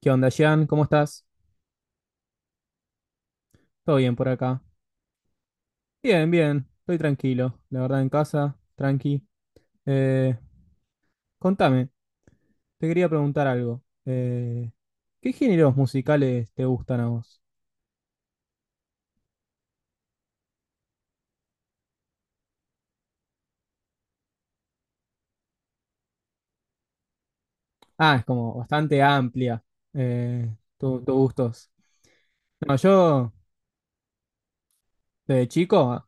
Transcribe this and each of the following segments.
¿Qué onda, Jean? ¿Cómo estás? ¿Todo bien por acá? Bien, bien. Estoy tranquilo. La verdad, en casa, tranqui. Eh, Contame, te quería preguntar algo. ¿Qué géneros musicales te gustan a vos? Ah, es como bastante amplia, tus gustos. No, yo, de chico.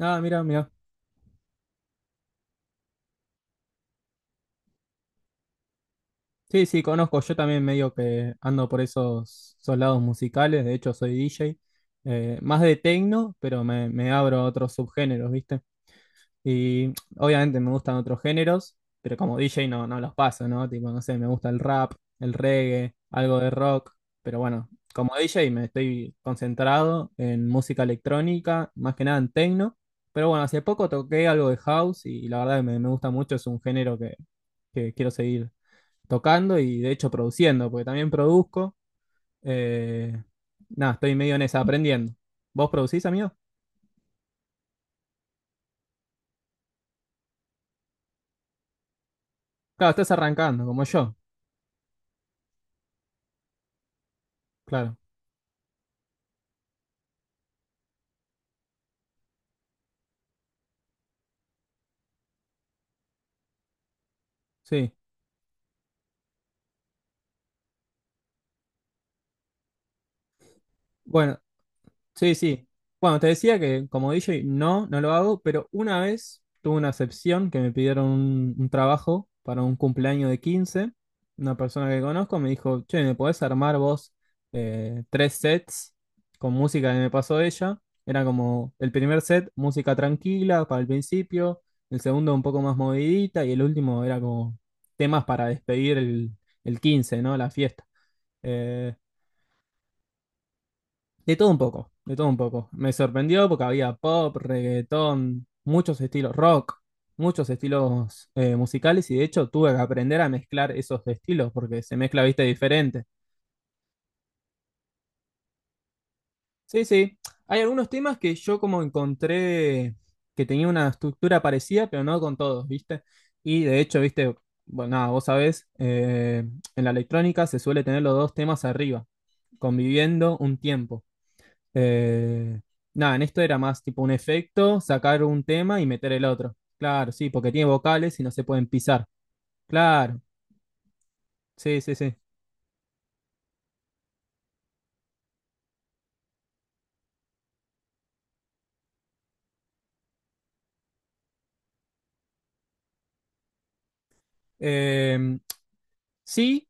Ah, mira, mira. Sí, sí, conozco. Yo también medio que ando por esos lados musicales. De hecho, soy DJ. Más de techno, pero me abro a otros subgéneros, ¿viste? Y obviamente me gustan otros géneros, pero como DJ no los paso, ¿no? Tipo, no sé, me gusta el rap, el reggae, algo de rock. Pero bueno, como DJ me estoy concentrado en música electrónica, más que nada en techno. Pero bueno, hace poco toqué algo de house y la verdad que me gusta mucho. Es un género que quiero seguir tocando y de hecho produciendo, porque también produzco. Eh, Nada, estoy medio en esa, aprendiendo. ¿Vos producís, amigo? Claro, estás arrancando, como yo. Claro, sí. Bueno, sí, sí. Bueno, te decía que como DJ no lo hago, pero una vez tuve una excepción que me pidieron un trabajo para un cumpleaños de quince. Una persona que conozco me dijo, che, ¿me podés armar vos tres sets con música que me pasó ella? Era como el primer set, música tranquila para el principio, el segundo un poco más movidita y el último era como temas para despedir el quince, ¿no? La fiesta. Eh, de todo un poco, de todo un poco. Me sorprendió porque había pop, reggaetón, muchos estilos rock, muchos estilos musicales, y de hecho tuve que aprender a mezclar esos estilos porque se mezcla, viste, diferente. Sí, sí. Hay algunos temas que yo como encontré que tenía una estructura parecida, pero no con todos, viste. Y de hecho, viste, bueno, nada, vos sabés, en la electrónica se suele tener los dos temas arriba, conviviendo un tiempo. Eh, Nada, en esto era más tipo un efecto, sacar un tema y meter el otro. Claro, sí, porque tiene vocales y no se pueden pisar. Claro, sí, sí, sí. Eh, sí,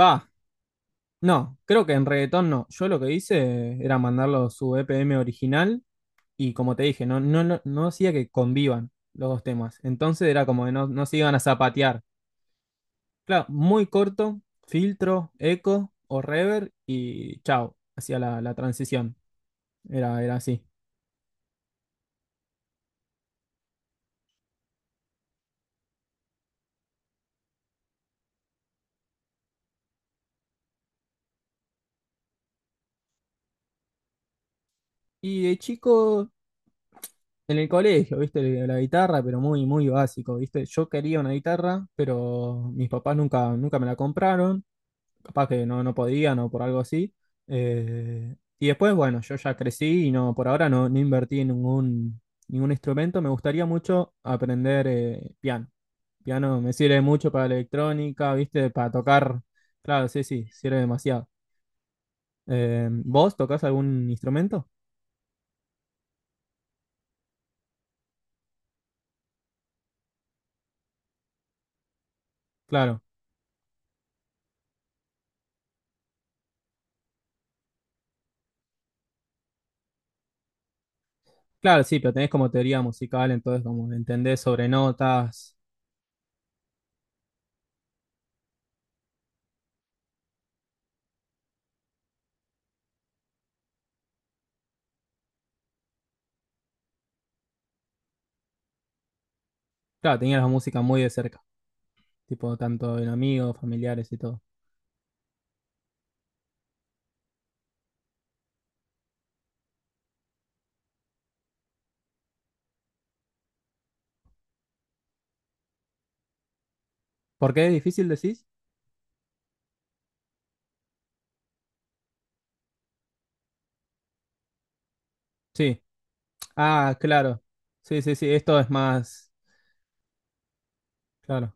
va. No, creo que en reggaetón no. Yo lo que hice era mandarlo su EPM original y como te dije, no hacía que convivan los dos temas. Entonces era como que no se iban a zapatear. Claro, muy corto, filtro, eco o reverb y chao, hacía la transición. Era así. Y de chico, en el colegio, viste, la guitarra, pero muy, muy básico, viste. Yo quería una guitarra, pero mis papás nunca, nunca me la compraron. Capaz que no podían o por algo así. Y después, bueno, yo ya crecí y no, por ahora no invertí en ningún instrumento. Me gustaría mucho aprender piano. Piano me sirve mucho para la electrónica, viste, para tocar. Claro, sí, sí, sirve demasiado. ¿Vos tocás algún instrumento? Claro. Claro, sí, pero tenés como teoría musical, entonces como entendés sobre notas. Claro, tenías la música muy de cerca, tipo tanto en amigos, familiares y todo. ¿Por qué es difícil decís? Sí. Ah, claro. Sí, sí, sí, esto es más, claro.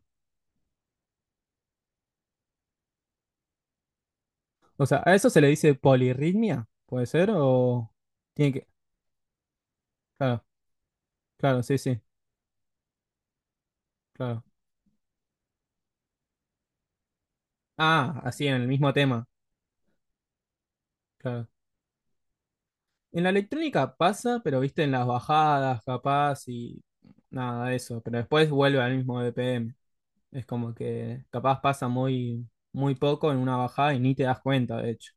O sea, ¿a eso se le dice polirritmia? ¿Puede ser? ¿O tiene que? Claro, claro, sí, sí, claro. Ah, así en el mismo tema, claro. En la electrónica pasa, pero viste en las bajadas, capaz, y nada de eso, pero después vuelve al mismo BPM. Es como que capaz pasa muy, muy poco en una bajada y ni te das cuenta, de hecho.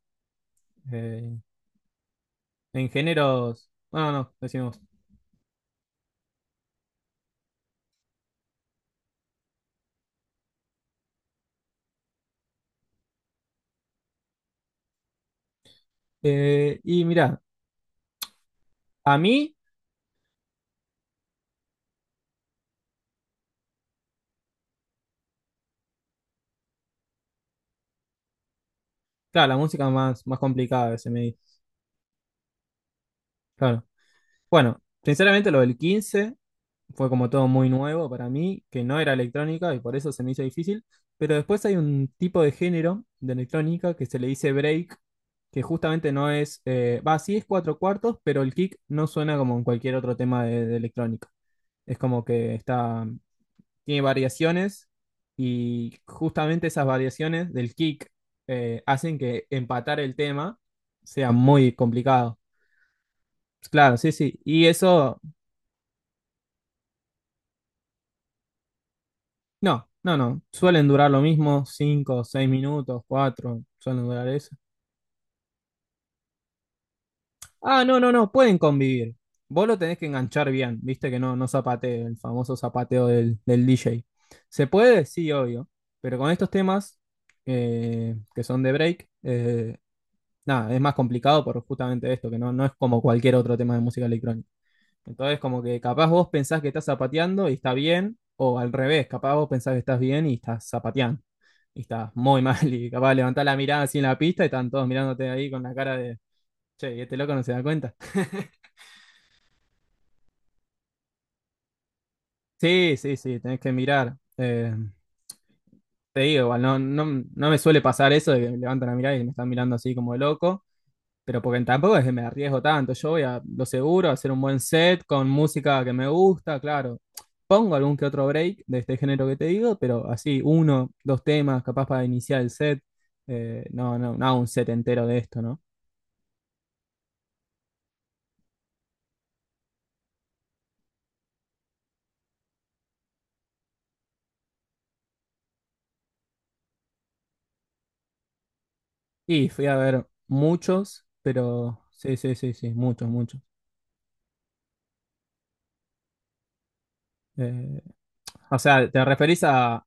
Eh, en géneros, bueno, no, decimos. Y mira, a mí, claro, la música más, más complicada que se me dice. Claro. Bueno, sinceramente lo del 15 fue como todo muy nuevo para mí, que no era electrónica y por eso se me hizo difícil. Pero después hay un tipo de género de electrónica que se le dice break, que justamente no es, va, sí es cuatro cuartos, pero el kick no suena como en cualquier otro tema de electrónica. Es como que está, tiene variaciones, y justamente esas variaciones del kick hacen que empatar el tema sea muy complicado. Claro, sí, sí. Y eso. No, no, no. Suelen durar lo mismo, 5, 6 minutos, 4, suelen durar eso. Ah, no, no, no, pueden convivir. Vos lo tenés que enganchar bien, viste que no zapatee, el famoso zapateo del DJ. ¿Se puede? Sí, obvio. Pero con estos temas que son de break, nada, es más complicado por justamente esto, que no es como cualquier otro tema de música electrónica. Entonces, como que capaz vos pensás que estás zapateando y está bien, o al revés, capaz vos pensás que estás bien y estás zapateando. Y estás muy mal, y capaz levantás la mirada así en la pista y están todos mirándote ahí con la cara de, che, ¿y este loco no se da cuenta? Sí, sí, sí, tenés que mirar. Te digo, igual, no me suele pasar eso de que levantan la mirada y me están mirando así como de loco. Pero porque tampoco es que me arriesgo tanto. Yo voy a lo seguro, a hacer un buen set con música que me gusta, claro. Pongo algún que otro break de este género que te digo, pero así, uno, dos temas, capaz para iniciar el set. No, no, no, un set entero de esto, ¿no? Y fui a ver muchos, pero sí, sí, sí, sí, muchos, muchos. Eh, o sea, ¿te referís a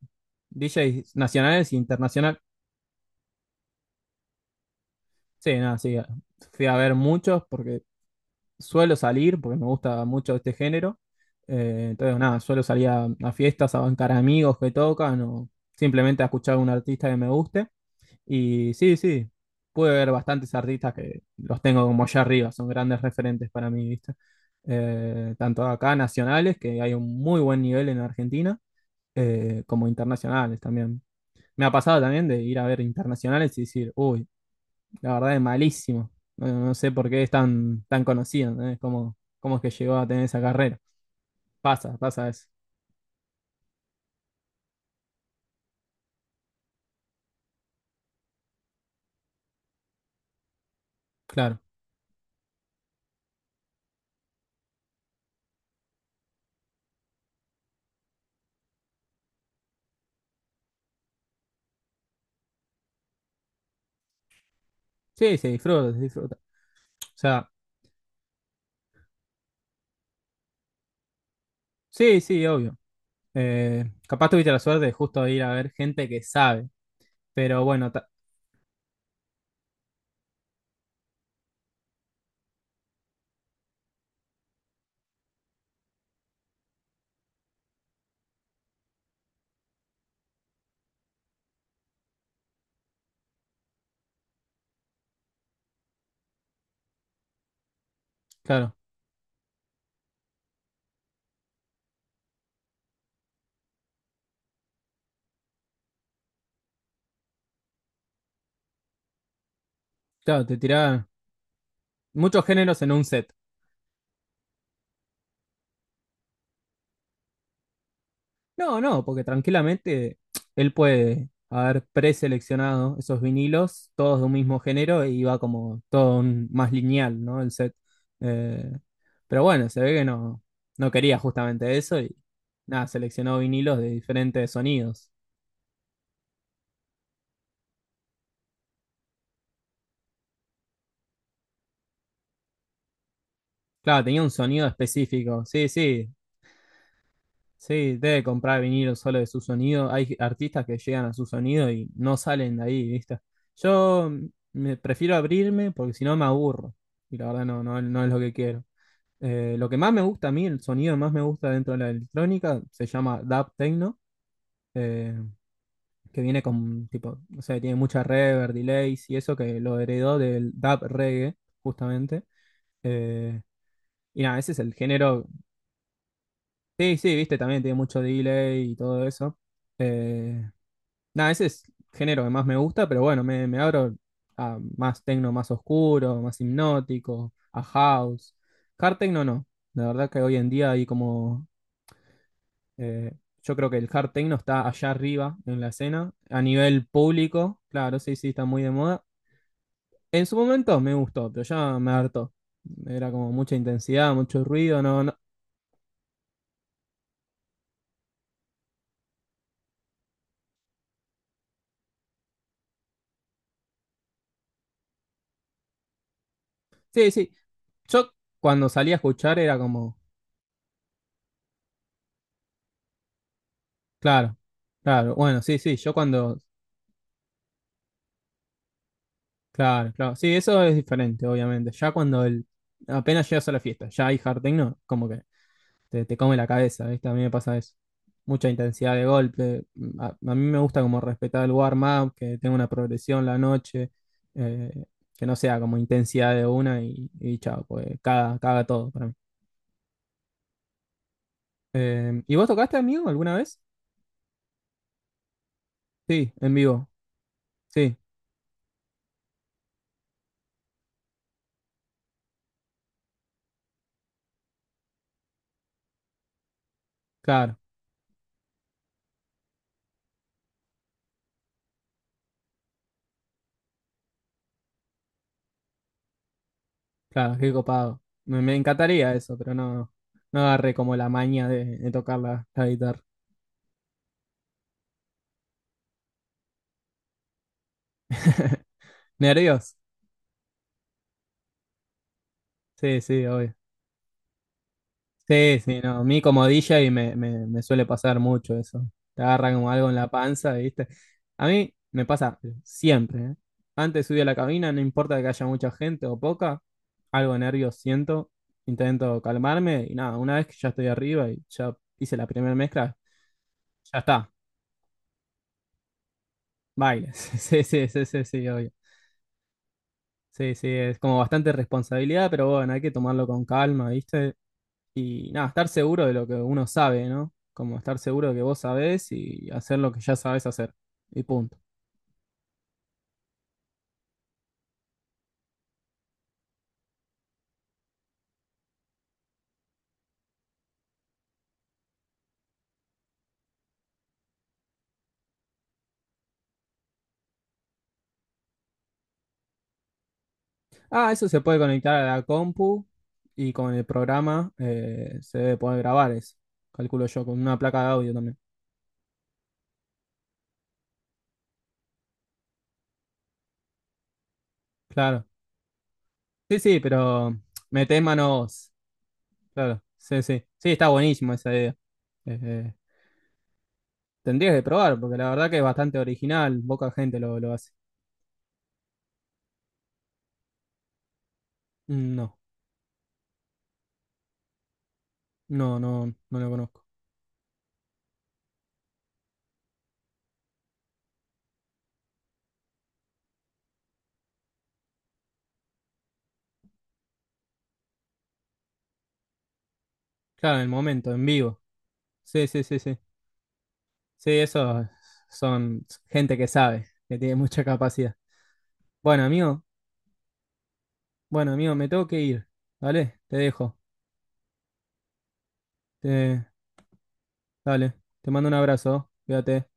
DJs nacionales e internacionales? Sí, nada, sí. Fui a ver muchos porque suelo salir porque me gusta mucho este género. Entonces, nada, suelo salir a fiestas, a bancar amigos que tocan o simplemente a escuchar a un artista que me guste. Y sí, sí, pude ver bastantes artistas que los tengo como allá arriba, son grandes referentes para mí, ¿viste? Tanto acá nacionales, que hay un muy buen nivel en Argentina, como internacionales también. Me ha pasado también de ir a ver internacionales y decir, uy, la verdad es malísimo. No, no sé por qué es tan, tan conocido, ¿entendés? ¿Cómo es que llegó a tener esa carrera? Pasa, pasa eso. Claro. Sí, se disfruta, se disfruta. O sea, sí, sí, obvio. Capaz tuviste la suerte de justo de ir a ver gente que sabe. Pero bueno, claro, claro, te tiraban muchos géneros en un set. No, no, porque tranquilamente él puede haber preseleccionado esos vinilos, todos de un mismo género, y va como todo más lineal, ¿no? El set. Eh, pero bueno, se ve que no, no quería justamente eso y nada, seleccionó vinilos de diferentes sonidos. Claro, tenía un sonido específico, sí, sí. Sí, debe comprar vinilo solo de su sonido. Hay artistas que llegan a su sonido y no salen de ahí, ¿viste? Yo me prefiero abrirme porque si no me aburro. Y la verdad no, no, no es lo que quiero. Lo que más me gusta a mí, el sonido que más me gusta dentro de la electrónica, se llama dub techno, eh, que viene con tipo, o sea, tiene mucha reverb, delays y eso que lo heredó del dub reggae, justamente. Eh, y nada, ese es el género. Sí, sí, viste, también tiene mucho delay y todo eso. Eh, Nada, ese es el género que más me gusta, pero bueno, me abro a más techno más oscuro, más hipnótico, a house. Hard techno no. La verdad que hoy en día hay como. eh, yo creo que el hard techno está allá arriba en la escena. A nivel público, claro, sí, sí, está muy de moda. En su momento me gustó, pero ya me hartó. Era como mucha intensidad, mucho ruido, no, no. Sí, sí. Yo cuando salí a escuchar era como. Claro, claro. Bueno, sí, sí. Yo cuando. Claro, claro. Sí, eso es diferente, obviamente. Ya cuando el, apenas llegas a la fiesta, ya hay hard techno, como que te come la cabeza, ¿viste? A mí me pasa eso. Mucha intensidad de golpe. A mí me gusta como respetar el warm-up, que tenga una progresión la noche, eh, que no sea como intensidad de una y chao, pues caga, caga todo para mí. ¿Y vos tocaste, amigo, alguna vez? Sí, en vivo. Sí, claro, claro, qué copado. Me encantaría eso, pero no, no agarré como la maña de tocar la guitarra. Nervios. Sí, sí, obvio. Sí, sí, no. A mí como DJ me suele pasar mucho eso. Te agarra como algo en la panza, ¿viste? A mí me pasa siempre, ¿eh? Antes de subir a la cabina, no importa que haya mucha gente o poca, algo de nervios siento, intento calmarme y nada, una vez que ya estoy arriba y ya hice la primera mezcla, ya está, bailes. Sí, sí, sí, sí, sí, obvio. Sí, sí, es como bastante responsabilidad, pero bueno, hay que tomarlo con calma, ¿viste? Y nada, estar seguro de lo que uno sabe, ¿no? Como estar seguro de que vos sabés y hacer lo que ya sabés hacer. Y punto. Ah, eso se puede conectar a la compu y con el programa se debe poder grabar eso. Calculo yo, con una placa de audio también. Claro. Sí, sí, pero metés mano vos. Claro. Sí, sí. Sí, está buenísimo esa idea. Eh, eh, Tendrías que probar, porque la verdad que es bastante original. Poca gente lo hace. Mm, no, no, no, no lo conozco. Claro, en el momento, en vivo. Sí, sí, sí, sí. Sí, eso son gente que sabe, que tiene mucha capacidad. Bueno, amigo, bueno, amigo, me tengo que ir, ¿vale? Te dejo. Te, Dale, te mando un abrazo, ¿oh? Cuídate.